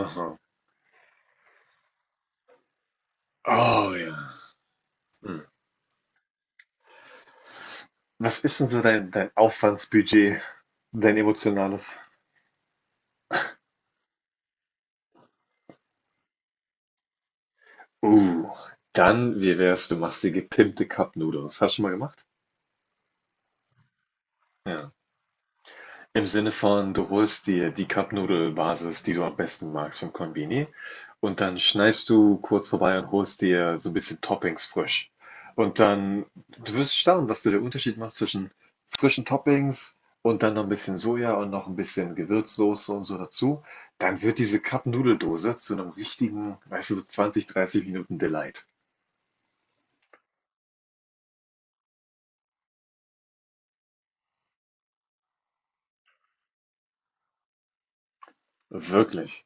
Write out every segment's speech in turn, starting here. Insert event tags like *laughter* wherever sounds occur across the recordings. Aha. Oh ja. Hm. Was ist denn so dein Aufwandsbudget, dein emotionales? Uh, dann, wie wär's, du machst dir gepimpte Cup Noodles. Hast du schon mal gemacht? Ja. Im Sinne von, du holst dir die Cup-Nudel-Basis, die du am besten magst vom Konbini und dann schneidest du kurz vorbei und holst dir so ein bisschen Toppings frisch. Und dann du wirst staunen, was du der Unterschied machst zwischen frischen Toppings und dann noch ein bisschen Soja und noch ein bisschen Gewürzsoße und so dazu. Dann wird diese Cup-Nudeldose zu einem richtigen, weißt du, so 20, 30 Minuten Delight. Wirklich.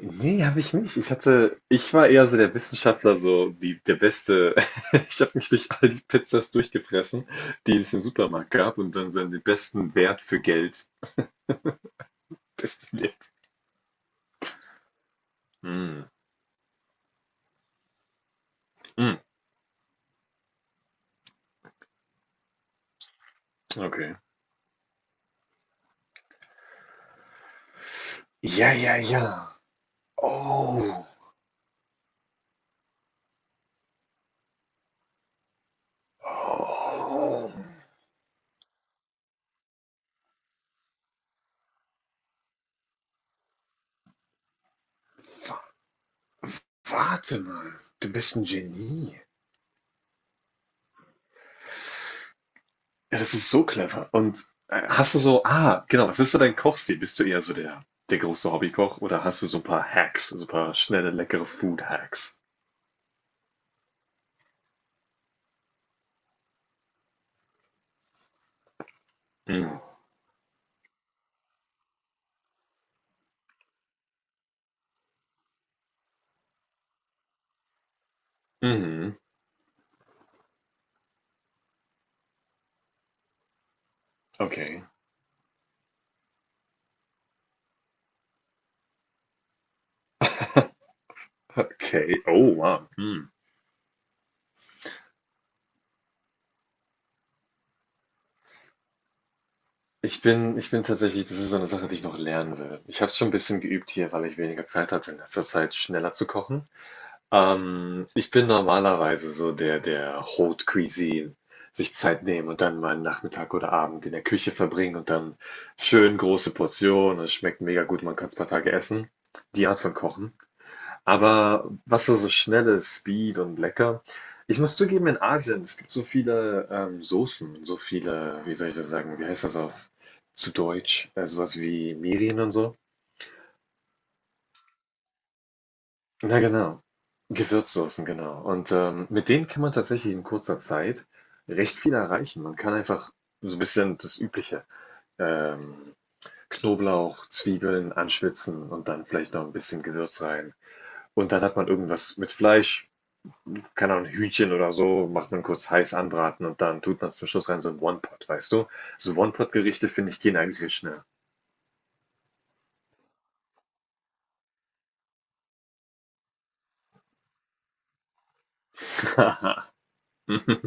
Nee, habe ich nicht. Ich war eher so der Wissenschaftler, so der Beste. *laughs* Ich habe mich durch all die Pizzas durchgefressen, die es im Supermarkt gab und dann so den besten Wert für Geld destilliert. Mm, mm, okay. Ja, ja, ja. Oh, oh, wa- warte mal. Du bist ein Genie. Ja, das ist so clever. Und hast du so, ah, genau, was ist so dein Kochstil? Bist du eher so der große Hobbykoch oder hast du so ein paar Hacks, so ein paar schnelle, leckere Food-Hacks? Mhm. Mhm. Okay. Okay. Oh, wow. Mhm. Ich bin tatsächlich, das ist so eine Sache, die ich noch lernen will. Ich habe es schon ein bisschen geübt hier, weil ich weniger Zeit hatte in letzter Zeit, schneller zu kochen. Ich bin normalerweise so der Haute Cuisine, sich Zeit nehmen und dann mal einen Nachmittag oder Abend in der Küche verbringen und dann schön große Portionen. Es schmeckt mega gut, man kann es ein paar Tage essen. Die Art von Kochen. Aber was so, so schnell ist, Speed und lecker. Ich muss zugeben, in Asien, es gibt so viele Soßen, so viele, wie soll ich das sagen, wie heißt das auf zu Deutsch? Sowas wie Mirin und so. Ja, genau. Gewürzsoßen, genau. Und mit denen kann man tatsächlich in kurzer Zeit recht viel erreichen. Man kann einfach so ein bisschen das Übliche, ähm, Knoblauch, Zwiebeln anschwitzen und dann vielleicht noch ein bisschen Gewürz rein. Und dann hat man irgendwas mit Fleisch, keine Ahnung, Hühnchen oder so, macht man kurz heiß anbraten und dann tut man zum Schluss rein so ein One-Pot, weißt du? So One-Pot-Gerichte, finde ich, gehen eigentlich viel schneller. *laughs*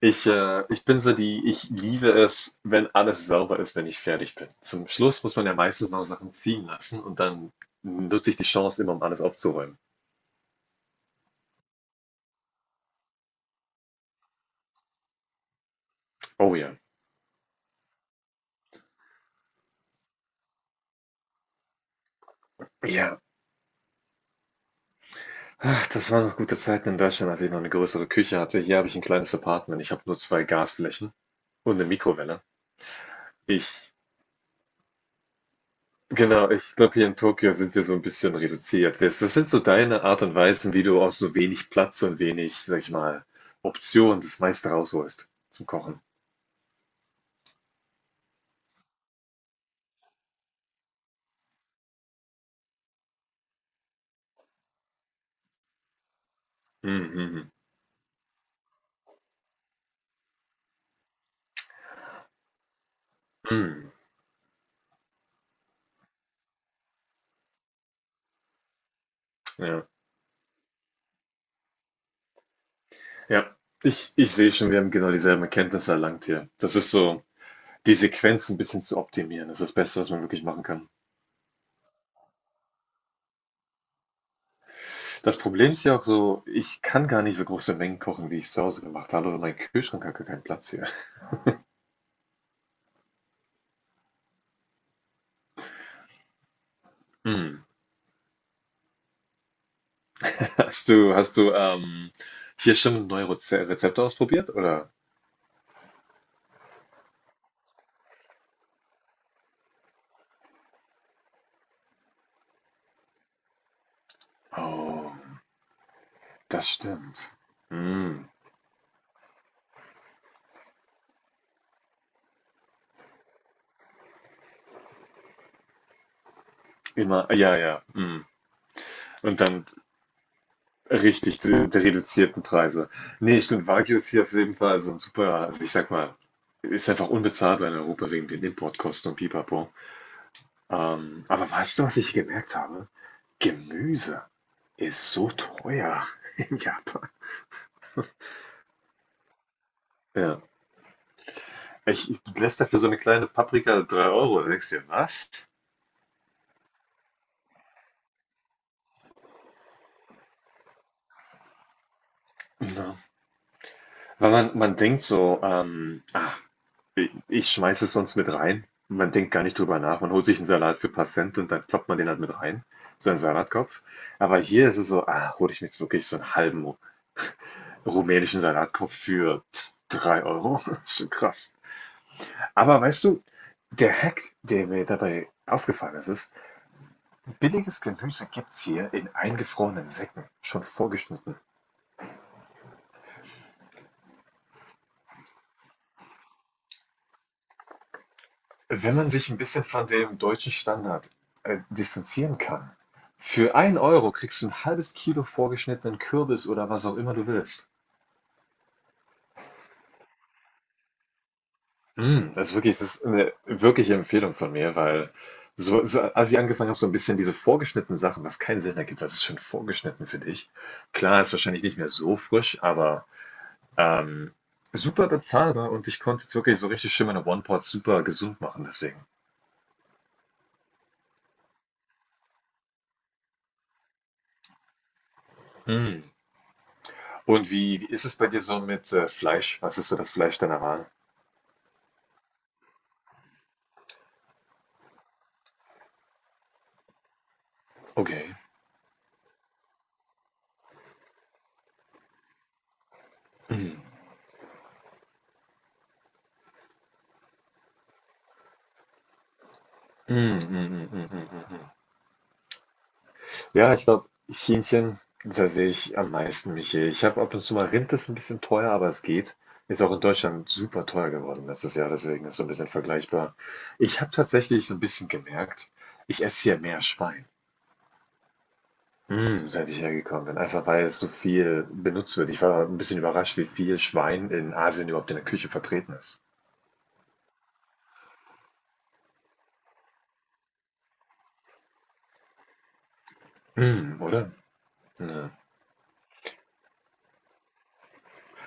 Ich bin so die, ich liebe es, wenn alles sauber ist, wenn ich fertig bin. Zum Schluss muss man ja meistens noch Sachen ziehen lassen und dann nutze ich die Chance immer, um alles aufzuräumen. Oh ja. Ja. Ach, das waren noch gute Zeiten in Deutschland, als ich noch eine größere Küche hatte. Hier habe ich ein kleines Apartment. Ich habe nur zwei Gasflächen und eine Mikrowelle. Ich, genau, ich glaube, hier in Tokio sind wir so ein bisschen reduziert. Was was sind so deine Art und Weisen, wie du aus so wenig Platz und wenig, sag ich mal, Optionen das meiste rausholst zum Kochen? Mhm. Mhm. Ja, ja. Ich sehe schon, wir haben genau dieselben Erkenntnisse erlangt hier. Das ist so die Sequenz ein bisschen zu optimieren, ist das Beste, was man wirklich machen kann. Das Problem ist ja auch so, ich kann gar nicht so große Mengen kochen, wie ich's zu Hause gemacht habe, weil mein Kühlschrank hat gar keinen Platz hier. Mhm. *laughs* Hast du hier schon neue Rezepte ausprobiert, oder? Oh, das stimmt. Mhm. Immer, ja, ja, mhm. Und dann richtig, die, die reduzierten Preise. Nee, stimmt, Wagyu ist hier auf jeden Fall so ein super, also ich sag mal, ist einfach unbezahlbar in Europa wegen den Importkosten und Pipapo. Aber weißt du, was ich gemerkt habe? Gemüse ist so teuer *laughs* in Japan. Ja. Ich du lässt dafür so eine kleine Paprika 3 Euro. Da denkst du dir, was? Ja. Weil man, denkt so, ah, ich schmeiße es sonst mit rein. Man denkt gar nicht drüber nach. Man holt sich einen Salat für ein paar Cent und dann kloppt man den halt mit rein. So einen Salatkopf. Aber hier ist es so, ah, hole ich mir jetzt wirklich so einen halben rumänischen Salatkopf für 3 Euro. *laughs* Das ist schon krass. Aber weißt du, der Hack, der mir dabei aufgefallen ist, ist, billiges Gemüse gibt's hier in eingefrorenen Säcken, schon vorgeschnitten. Wenn man sich ein bisschen von dem deutschen Standard distanzieren kann. Für 1 Euro kriegst du ein halbes Kilo vorgeschnittenen Kürbis oder was auch immer du willst. Mm, also wirklich, es ist eine wirkliche Empfehlung von mir, weil so so als ich angefangen habe, so ein bisschen diese vorgeschnittenen Sachen, was keinen Sinn ergibt, was ist schon vorgeschnitten für dich? Klar, ist wahrscheinlich nicht mehr so frisch, aber, ähm, super bezahlbar und ich konnte jetzt wirklich so richtig schön meine One-Pot super gesund machen deswegen. Mm. Und wie ist es bei dir so mit Fleisch? Was ist so das Fleisch deiner Wahl? Okay. Mhm. Mhm, mhm, mhm, mhm, mhm. Ja, ich glaube, Hähnchen, da sehe ich am meisten mich hier. Ich habe ab und zu mal Rind, ist ein bisschen teuer, aber es geht. Ist auch in Deutschland super teuer geworden letztes Jahr, deswegen ist so ein bisschen vergleichbar. Ich habe tatsächlich so ein bisschen gemerkt, ich esse hier mehr Schwein, seit ich hergekommen bin. Einfach weil es so viel benutzt wird. Ich war ein bisschen überrascht, wie viel Schwein in Asien überhaupt in der Küche vertreten ist. Mm, oder? Ja.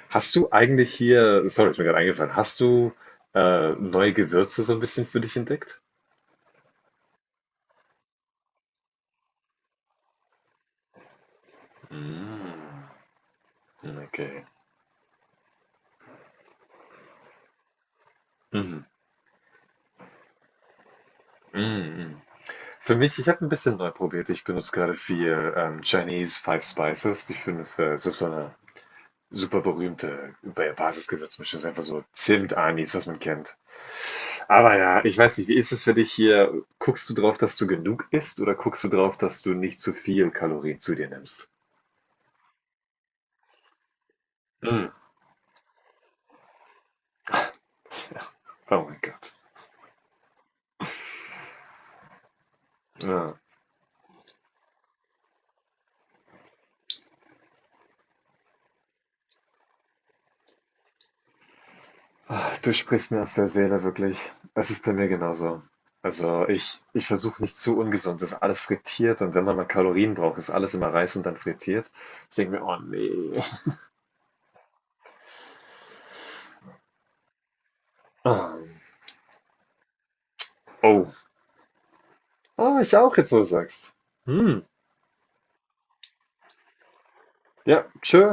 Hast du eigentlich hier, sorry, ist mir gerade eingefallen, hast du neue Gewürze so ein bisschen für dich entdeckt? Mm, okay. Mhm. Mm, mm. Für mich, ich habe ein bisschen neu probiert. Ich benutze gerade viel Chinese Five Spices, es ist so eine super berühmte Basisgewürzmischung, ist einfach so Zimt, Anis, was man kennt. Aber ja, ich weiß nicht, wie ist es für dich hier? Guckst du drauf, dass du genug isst oder guckst du drauf, dass du nicht zu viel Kalorien zu dir nimmst? Mm. Oh mein Gott. Ja. Ah, du sprichst mir aus der Seele, wirklich. Das ist bei mir genauso. Also ich versuche nicht zu ungesund. Das ist alles frittiert und wenn man mal Kalorien braucht, ist alles immer Reis und dann frittiert. Ich denke mir, oh nee. *laughs* Ah, oh. Ah, ich auch jetzt, wo du sagst. Hm. Ja, tschö.